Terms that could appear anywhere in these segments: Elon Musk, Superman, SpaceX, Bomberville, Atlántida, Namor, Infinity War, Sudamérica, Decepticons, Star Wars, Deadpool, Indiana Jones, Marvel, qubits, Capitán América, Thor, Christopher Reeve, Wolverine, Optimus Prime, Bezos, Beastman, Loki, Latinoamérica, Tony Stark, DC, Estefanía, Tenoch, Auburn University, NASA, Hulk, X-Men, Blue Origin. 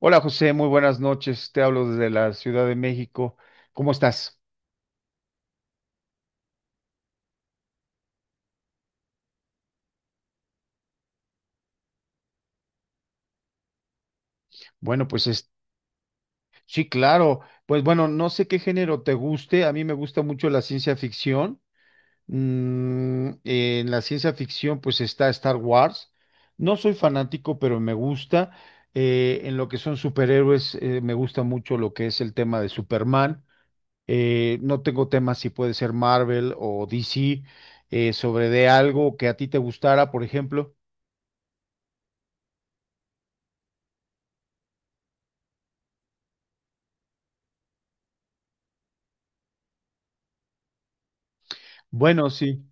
Hola José, muy buenas noches. Te hablo desde la Ciudad de México. ¿Cómo estás? Bueno, pues es- sí, claro. Pues bueno, no sé qué género te guste. A mí me gusta mucho la ciencia ficción. Mm, en la ciencia ficción pues está Star Wars. No soy fanático, pero me gusta. En lo que son superhéroes, me gusta mucho lo que es el tema de Superman. No tengo temas si puede ser Marvel o DC, sobre de algo que a ti te gustara, por ejemplo. Bueno, sí,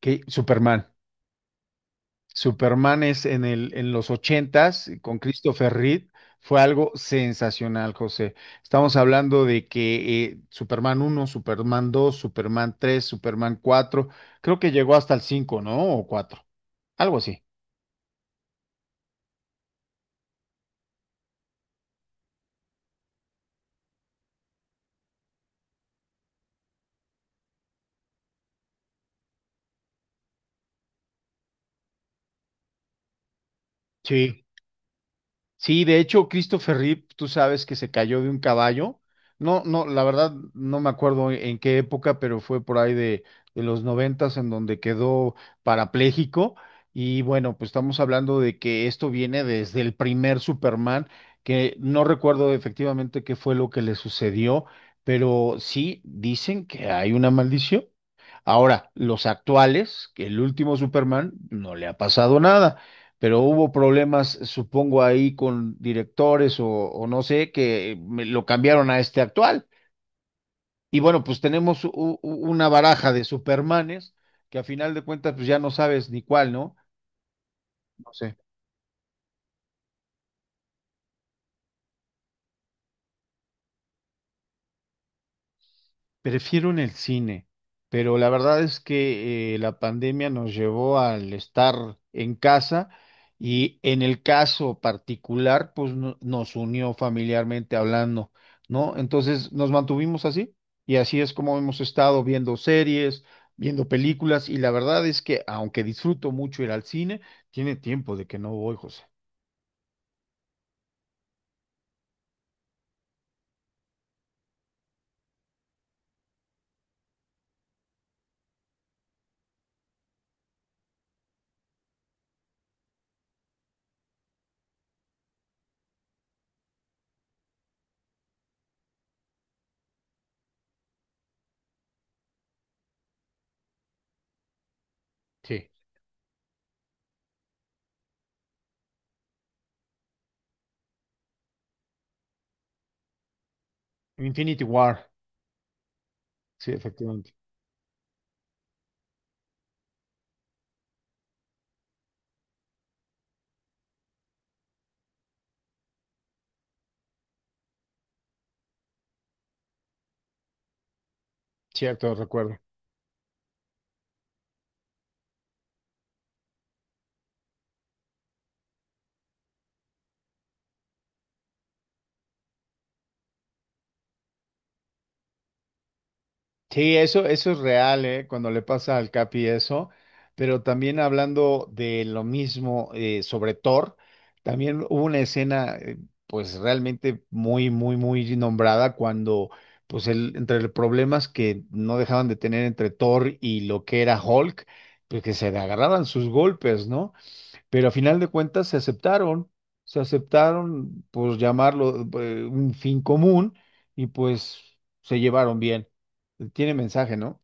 que Superman. Superman es en el, en los ochentas con Christopher Reeve. Fue algo sensacional, José. Estamos hablando de que Superman uno Superman 2 Superman 3 Superman 4 creo que llegó hasta el cinco, ¿no? O 4 algo así. Sí. Sí, de hecho, Christopher Reeve, tú sabes que se cayó de un caballo. No, no, la verdad no me acuerdo en qué época, pero fue por ahí de los noventas en donde quedó parapléjico. Y bueno, pues estamos hablando de que esto viene desde el primer Superman, que no recuerdo efectivamente qué fue lo que le sucedió, pero sí dicen que hay una maldición. Ahora, los actuales, que el último Superman no le ha pasado nada, pero hubo problemas, supongo, ahí con directores o no sé, lo cambiaron a este actual. Y bueno, pues tenemos una baraja de Supermanes que a final de cuentas pues ya no sabes ni cuál, ¿no? No sé. Prefiero en el cine, pero la verdad es que la pandemia nos llevó al estar en casa y en el caso particular, pues nos unió familiarmente hablando, ¿no? Entonces nos mantuvimos así y así es como hemos estado viendo series, viendo películas y la verdad es que aunque disfruto mucho ir al cine, tiene tiempo de que no voy, José. Sí. Infinity War, sí, efectivamente, cierto, recuerdo. Sí, eso es real, ¿eh? Cuando le pasa al Capi eso, pero también hablando de lo mismo sobre Thor, también hubo una escena pues realmente muy, muy, muy nombrada cuando pues el, entre los problemas que no dejaban de tener entre Thor y lo que era Hulk, pues que se agarraban sus golpes, ¿no? Pero a final de cuentas se aceptaron, pues llamarlo un fin común y pues se llevaron bien. Tiene mensaje, ¿no?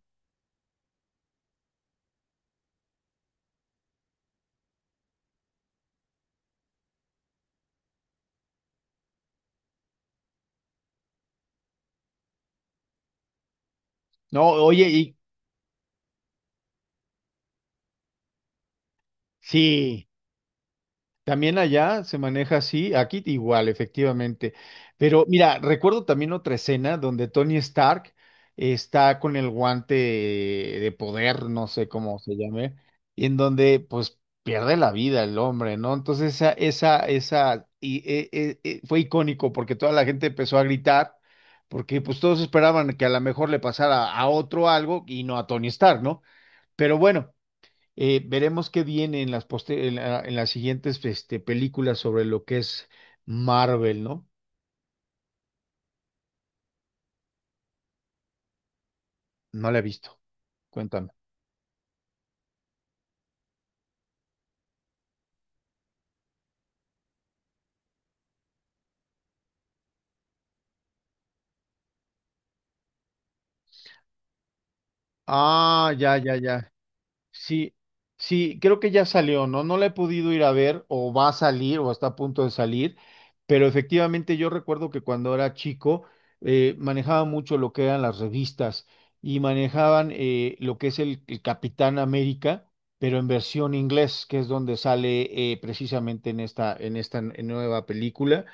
No, oye, y sí. También allá se maneja así, aquí igual, efectivamente. Pero mira, recuerdo también otra escena donde Tony Stark está con el guante de poder, no sé cómo se llame, y en donde pues pierde la vida el hombre, ¿no? Entonces esa, y, fue icónico porque toda la gente empezó a gritar, porque pues todos esperaban que a lo mejor le pasara a otro algo y no a Tony Stark, ¿no? Pero bueno. Veremos qué viene en las, en las siguientes este, películas sobre lo que es Marvel, ¿no? No la he visto. Cuéntame. Ah, ya, ya, ya. Sí, sí, creo que ya salió, ¿no? No la he podido ir a ver o va a salir o está a punto de salir, pero efectivamente yo recuerdo que cuando era chico manejaba mucho lo que eran las revistas y manejaban lo que es el Capitán América, pero en versión inglés, que es donde sale precisamente en esta nueva película,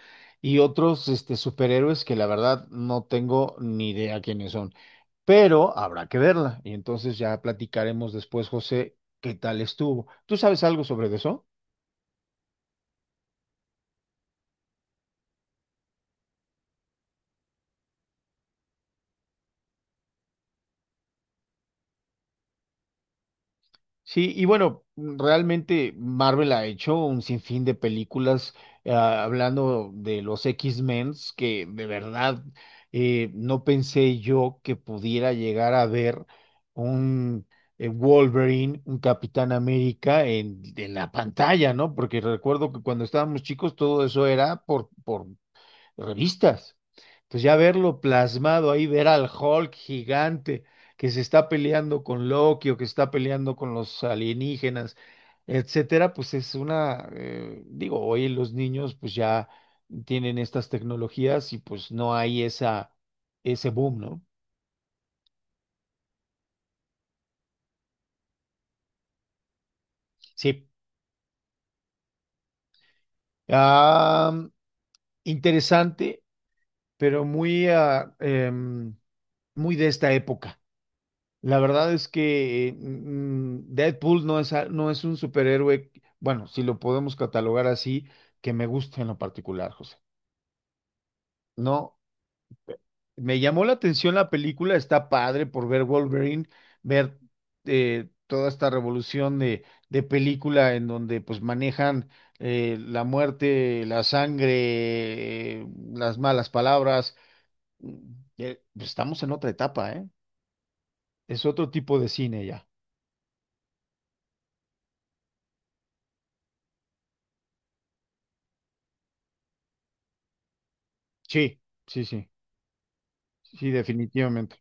y otros este, superhéroes que la verdad no tengo ni idea quiénes son pero habrá que verla y entonces ya platicaremos después, José, qué tal estuvo. ¿Tú sabes algo sobre eso? Sí, y bueno, mm, realmente Marvel ha hecho un sinfín de películas hablando de los X-Men que de verdad no pensé yo que pudiera llegar a ver un Wolverine, un Capitán América en la pantalla, ¿no? Porque recuerdo que cuando estábamos chicos todo eso era por revistas. Entonces ya verlo plasmado ahí, ver al Hulk gigante que se está peleando con Loki o que está peleando con los alienígenas, etcétera, pues es una, digo, hoy los niños pues ya tienen estas tecnologías y pues no hay esa, ese boom, ¿no? Sí. Ah, interesante, pero muy, ah, muy de esta época. La verdad es que mm, Deadpool no es, no es un superhéroe, bueno, si lo podemos catalogar así, que me gusta en lo particular, José. No, me llamó la atención la película, está padre por ver Wolverine, ver toda esta revolución de película en donde pues manejan la muerte, la sangre, las malas palabras. Mm, pues, estamos en otra etapa, ¿eh? Es otro tipo de cine ya. Sí, sí, sí. Sí, definitivamente.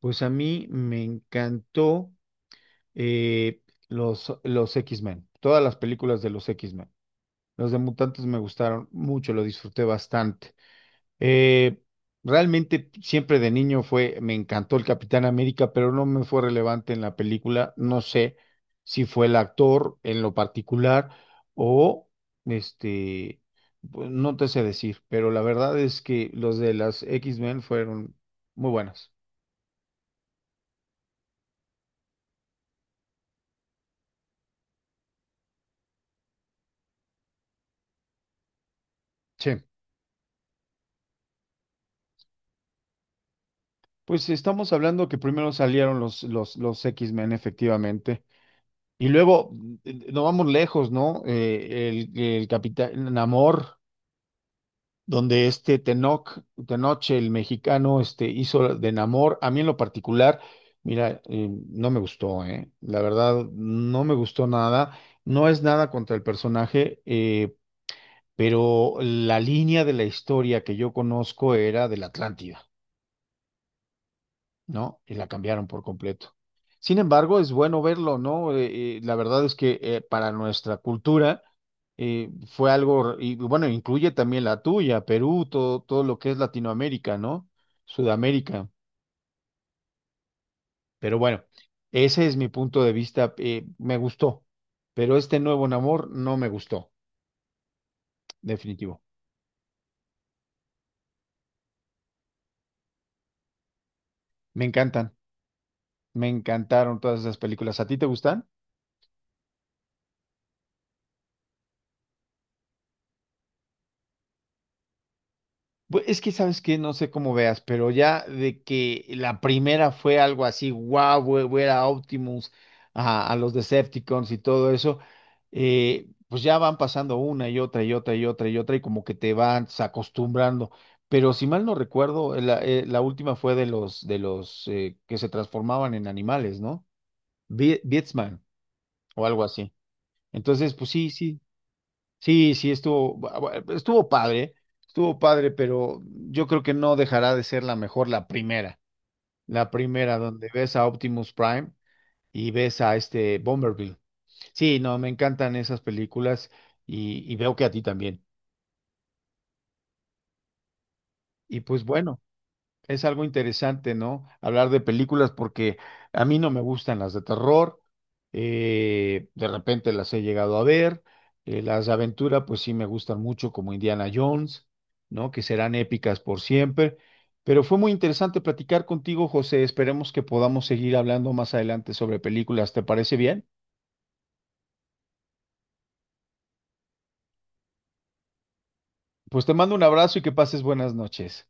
Pues a mí me encantó eh, los X-Men, todas las películas de los X-Men. Los de Mutantes me gustaron mucho, lo disfruté bastante. Eh, Realmente siempre de niño fue, me encantó el Capitán América, pero no me fue relevante en la película. No sé si fue el actor en lo particular o este, pues, no te sé decir, pero la verdad es que los de las X-Men fueron muy buenas. Sí. Pues estamos hablando que primero salieron los X-Men, efectivamente. Y luego, mm, no vamos lejos, ¿no? El, el Capitán Namor, donde este Tenoch, Tenoche, el mexicano, este, hizo de Namor. A mí en lo particular, mira, no me gustó, ¿eh? La verdad, no me gustó nada. No es nada contra el personaje, pero la línea de la historia que yo conozco era de la Atlántida. ¿No? Y la cambiaron por completo. Sin embargo, es bueno verlo, ¿no? La verdad es que para nuestra cultura fue algo, y bueno, incluye también la tuya, Perú, todo, todo lo que es Latinoamérica, ¿no? Sudamérica. Pero bueno, ese es mi punto de vista. Me gustó, pero este nuevo Namor no me gustó, definitivo. Me encantan, me encantaron todas esas películas. ¿A ti te gustan? Es que sabes que no sé cómo veas, pero ya de que la primera fue algo así, guau, wow, era Optimus a los Decepticons y todo eso, pues ya van pasando una y otra y otra y otra y otra y como que te vas acostumbrando. Pero si mal no recuerdo, la, la última fue de los que se transformaban en animales, ¿no? Beastman o algo así. Entonces, pues sí, sí. Sí, sí, estuvo, estuvo padre, pero yo creo que no dejará de ser la mejor la primera donde ves a Optimus Prime y ves a este Bomberville. Sí, no, me encantan esas películas y veo que a ti también. Y pues bueno. Es algo interesante, ¿no? Hablar de películas porque a mí no me gustan las de terror. De repente las he llegado a ver. Las de aventura, pues sí me gustan mucho, como Indiana Jones, ¿no? Que serán épicas por siempre. Pero fue muy interesante platicar contigo, José. Esperemos que podamos seguir hablando más adelante sobre películas. ¿Te parece bien? Pues te mando un abrazo y que pases buenas noches.